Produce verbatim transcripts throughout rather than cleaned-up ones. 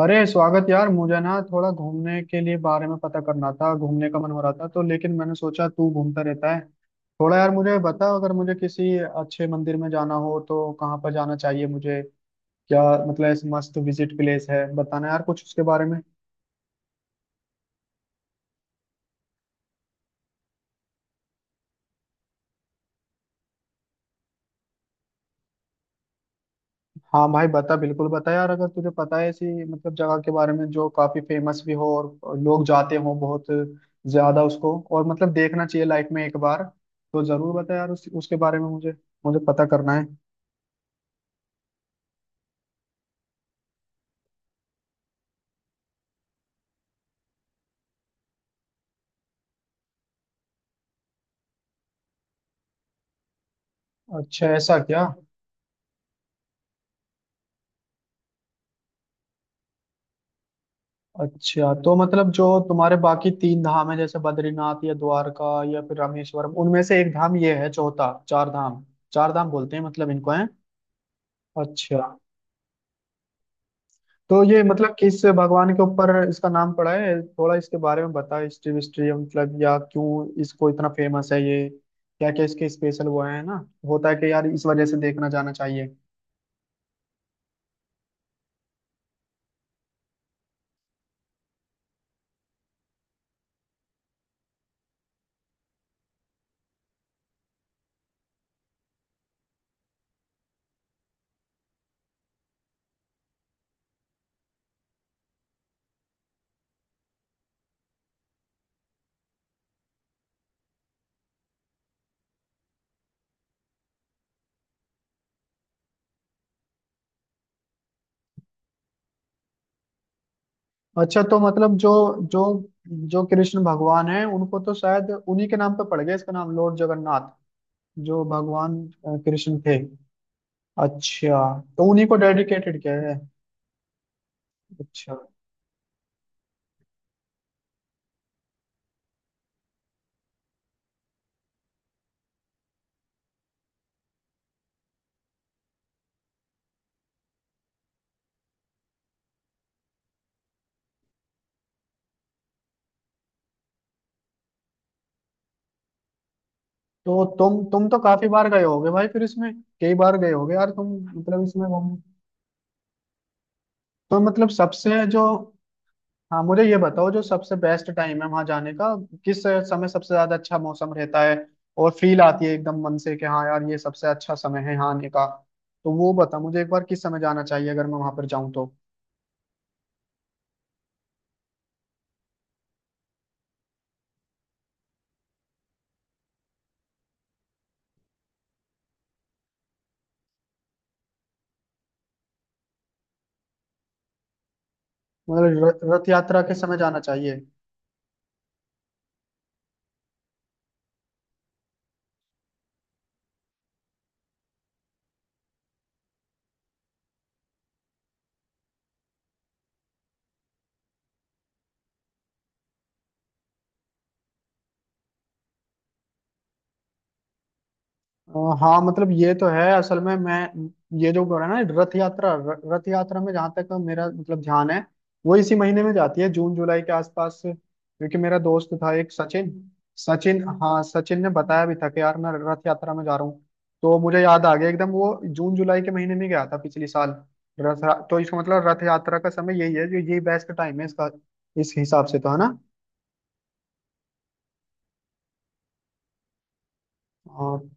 अरे स्वागत यार। मुझे ना थोड़ा घूमने के लिए बारे में पता करना था। घूमने का मन हो रहा था तो, लेकिन मैंने सोचा तू घूमता रहता है। थोड़ा यार मुझे बता, अगर मुझे किसी अच्छे मंदिर में जाना हो तो कहाँ पर जाना चाहिए मुझे? क्या मतलब ऐसे मस्त विजिट प्लेस है, बताना यार कुछ उसके बारे में। हाँ भाई बता, बिल्कुल बता यार, अगर तुझे पता है ऐसी मतलब जगह के बारे में जो काफी फेमस भी हो और लोग जाते हो बहुत ज्यादा उसको, और मतलब देखना चाहिए लाइफ में एक बार, तो जरूर बता यार उस, उसके बारे में मुझे, मुझे पता करना है। अच्छा ऐसा क्या? अच्छा तो मतलब जो तुम्हारे बाकी तीन धाम है, जैसे बद्रीनाथ या द्वारका या फिर रामेश्वरम, उनमें से एक धाम ये है, चौथा चार धाम। चार धाम बोलते हैं मतलब इनको, है? अच्छा तो ये मतलब किस भगवान के ऊपर इसका नाम पड़ा है? थोड़ा इसके बारे में बताओ, हिस्ट्री विस्ट्री मतलब, या क्यों इसको इतना फेमस है ये? क्या क्या इसके स्पेशल वो है ना, होता है कि यार इस वजह से देखना जाना चाहिए। अच्छा तो मतलब जो जो जो कृष्ण भगवान है उनको तो, शायद उन्हीं के नाम पे पड़ गया इसका नाम लॉर्ड जगन्नाथ, जो भगवान अ, कृष्ण थे। अच्छा तो उन्हीं को डेडिकेटेड किया है। अच्छा तो तुम तुम तो काफी बार गए होगे भाई फिर इसमें। कई बार गए होगे यार तुम। मतलब इसमें घूम, तो मतलब सबसे जो, हाँ मुझे ये बताओ जो सबसे बेस्ट टाइम है वहां जाने का। किस समय सबसे ज्यादा अच्छा मौसम रहता है और फील आती है एकदम मन से कि हाँ यार ये सबसे अच्छा समय है यहाँ आने का। तो वो बता मुझे एक बार, किस समय जाना चाहिए अगर मैं वहां पर जाऊँ तो। मतलब र- रथ यात्रा के समय जाना चाहिए? अ, हाँ मतलब ये तो है असल में। मैं ये जो बोला ना रथ यात्रा, र- रथ यात्रा में, जहाँ तक मेरा मतलब ध्यान है, वो इसी महीने में जाती है, जून जुलाई के आसपास, क्योंकि मेरा दोस्त था एक सचिन। सचिन, हाँ सचिन ने बताया भी था कि यार मैं रथ यात्रा में जा रहा हूँ, तो मुझे याद आ गया एकदम। वो जून जुलाई के महीने में गया था पिछले साल। रथ, तो इसका मतलब रथ यात्रा का समय यही है जो, ये बेस्ट टाइम है इसका इस हिसाब से, तो है ना? और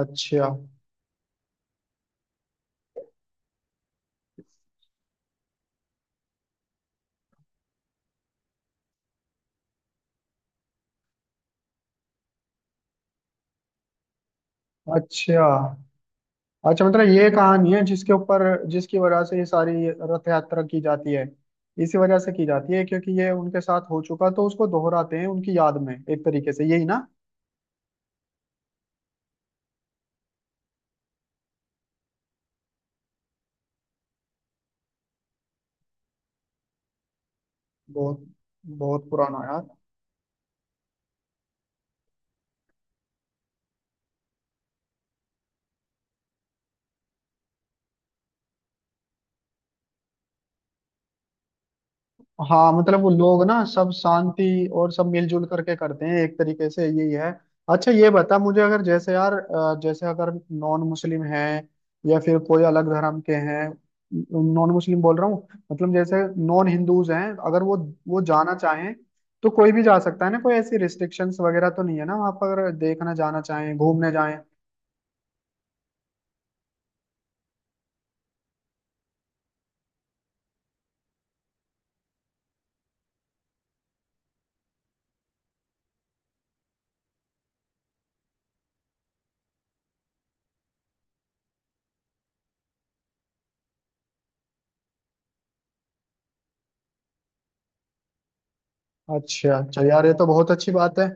अच्छा, अच्छा। अच्छा मतलब ये कहानी है जिसके ऊपर, जिसकी वजह से ये सारी रथ यात्रा की जाती है, इसी वजह से की जाती है। क्योंकि ये उनके साथ हो चुका तो उसको दोहराते हैं उनकी याद में एक तरीके से, यही ना? बहुत, बहुत पुराना यार। हाँ मतलब वो लोग ना सब शांति और सब मिलजुल करके करते हैं एक तरीके से, यही है। अच्छा ये बता मुझे, अगर जैसे यार अ, जैसे अगर नॉन मुस्लिम हैं या फिर कोई अलग धर्म के हैं, नॉन मुस्लिम बोल रहा हूँ, मतलब जैसे नॉन हिंदूज हैं, अगर वो वो जाना चाहें तो कोई भी जा सकता है ना? कोई ऐसी रिस्ट्रिक्शंस वगैरह तो नहीं है ना वहाँ पर, अगर देखना जाना चाहें, घूमने जाएं? अच्छा अच्छा यार, ये तो बहुत अच्छी बात है।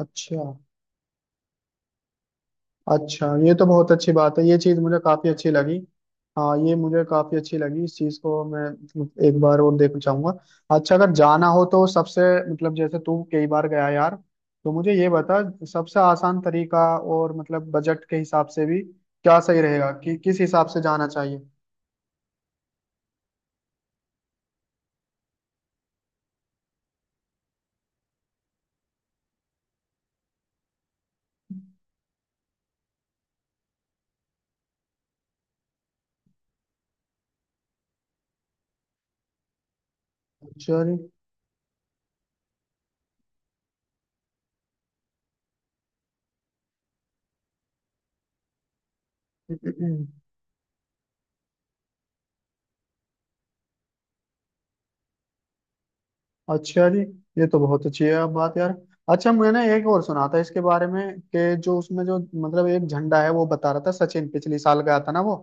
अच्छा अच्छा ये तो बहुत अच्छी बात है, ये चीज़ मुझे काफ़ी अच्छी लगी। हाँ ये मुझे काफ़ी अच्छी लगी, इस चीज़ को मैं एक बार और देखना चाहूंगा। अच्छा अगर जाना हो तो सबसे, मतलब जैसे तू कई बार गया यार, तो मुझे ये बता सबसे आसान तरीका, और मतलब बजट के हिसाब से भी क्या सही रहेगा, कि किस हिसाब से जाना चाहिए? चल। अच्छा जी, ये तो बहुत अच्छी है आप बात यार। अच्छा मैंने एक और सुना था इसके बारे में, कि जो उसमें जो मतलब एक झंडा है, वो बता रहा था सचिन पिछले साल गया था ना वो,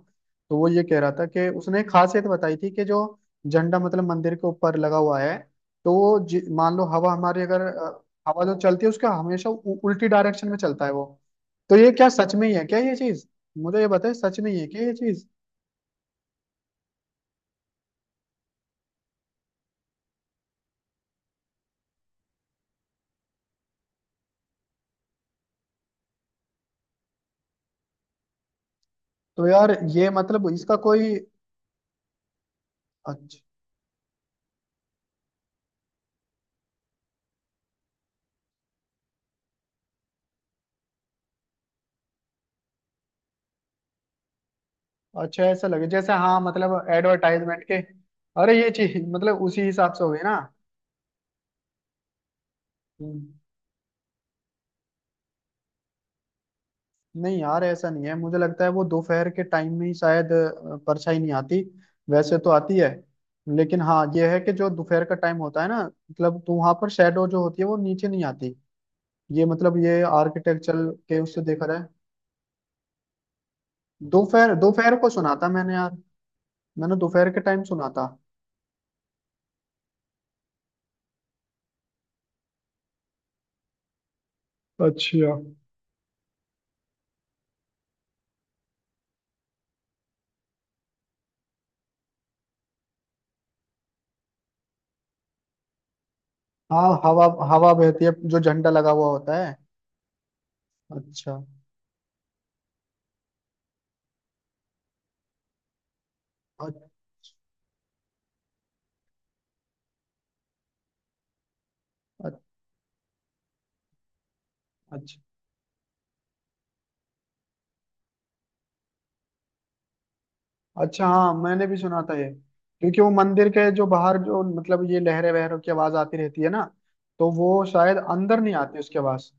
तो वो ये कह रहा था कि उसने एक खासियत बताई थी कि जो झंडा मतलब मंदिर के ऊपर लगा हुआ है, तो वो जि- मान लो हवा हमारी अगर अ, हवा जो चलती है, उसका हमेशा उ- उल्टी डायरेक्शन में चलता है वो। तो ये क्या सच में ही है क्या ये चीज? मुझे ये बताए सच में ही है क्या ये चीज? तो यार ये मतलब इसका कोई, अच्छा। अच्छा ऐसा लगे जैसे, हाँ मतलब एडवर्टाइजमेंट के। अरे ये चीज मतलब उसी हिसाब से हो गई ना। हम्म, नहीं यार ऐसा नहीं है, मुझे लगता है वो दोपहर के टाइम में ही शायद अ, परछाई नहीं आती, वैसे तो आती है। लेकिन हाँ ये है कि जो दोपहर का टाइम होता है ना, मतलब तो वहां पर शेडो जो होती है वो नीचे नहीं आती। ये मतलब ये आर्किटेक्चर के उससे देखा जाए। दोपहर, दोपहर को सुना था मैंने यार, मैंने दोपहर के टाइम सुना था। अच्छा। हाँ हवा, हवा बहती है जो झंडा लगा हुआ होता है। अच्छा। अ- अच्छा। अच्छा हाँ मैंने भी सुना था ये। क्योंकि वो मंदिर के जो बाहर, जो मतलब ये लहरे वहरों की आवाज आती रहती है ना, तो वो शायद अंदर नहीं आती उसके पास।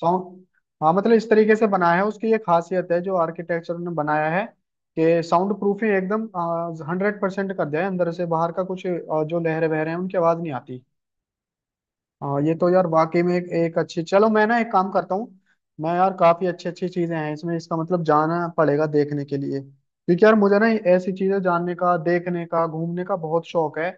साउंड, हाँ मतलब इस तरीके से बनाया है, उसकी ये खासियत है जो आर्किटेक्चर ने बनाया है, कि साउंड प्रूफ ही एकदम हंड्रेड परसेंट कर दिया है, अंदर से बाहर का कुछ अ, जो लहरे वहरे हैं उनकी आवाज नहीं आती। हाँ ये तो यार वाकई में एक, एक अच्छी, चलो मैं ना एक काम करता हूँ। मैं यार, काफी अच्छी अच्छी चीजें हैं इसमें, इसका मतलब जाना पड़ेगा देखने के लिए, क्योंकि यार मुझे ना ऐसी चीजें जानने का, देखने का, घूमने का बहुत शौक है।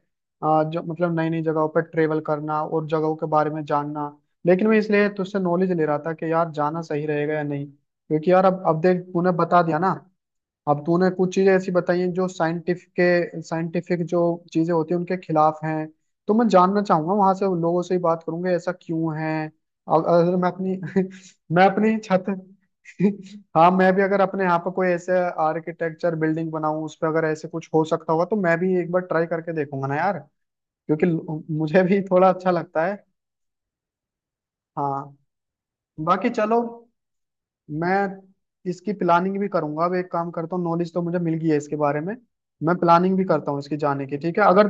आ, जो मतलब नई नई जगहों पर ट्रेवल करना और जगहों के बारे में जानना। लेकिन मैं इसलिए तुझसे नॉलेज ले रहा था कि यार जाना सही रहेगा या नहीं, क्योंकि यार अब अब देख तूने बता दिया ना। अब तूने कुछ चीजें ऐसी बताई हैं जो साइंटिफिक के, साइंटिफिक जो चीजें होती हैं उनके खिलाफ हैं, तो मैं जानना चाहूंगा वहां से, उन लोगों से ही बात करूंगा ऐसा क्यों है। अ- अगर मैं अपनी मैं अपनी छत हाँ मैं भी अगर अपने यहाँ पर कोई ऐसे आर्किटेक्चर बिल्डिंग बनाऊं, उस पर अगर ऐसे कुछ हो सकता होगा तो मैं भी एक बार ट्राई करके देखूंगा ना यार, क्योंकि ल- मुझे भी थोड़ा अच्छा लगता है। हाँ बाकी चलो, मैं इसकी प्लानिंग भी करूंगा। अब एक काम करता हूँ, नॉलेज तो मुझे मिल गई है इसके बारे में, मैं प्लानिंग भी करता हूँ इसकी जाने की। ठीक है अगर,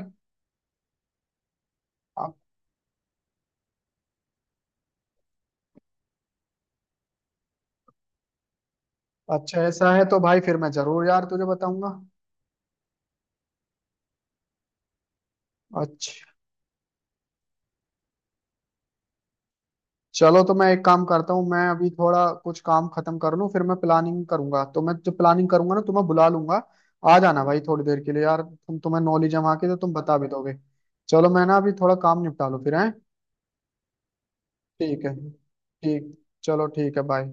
अ- अच्छा ऐसा है तो भाई फिर मैं जरूर यार तुझे बताऊंगा। अच्छा चलो, तो मैं एक काम करता हूँ, मैं अभी थोड़ा कुछ काम खत्म कर लूँ फिर मैं प्लानिंग करूंगा, तो मैं जो प्लानिंग करूंगा ना तुम्हें बुला लूंगा। आ जाना भाई थोड़ी देर के लिए यार, तुम, तुम्हें नॉलेज है वहाँ की तो तुम बता भी दोगे। चलो मैं ना अभी थोड़ा काम निपटा लूँ फिर है। ठीक है, ठीक। चलो ठीक है, बाय।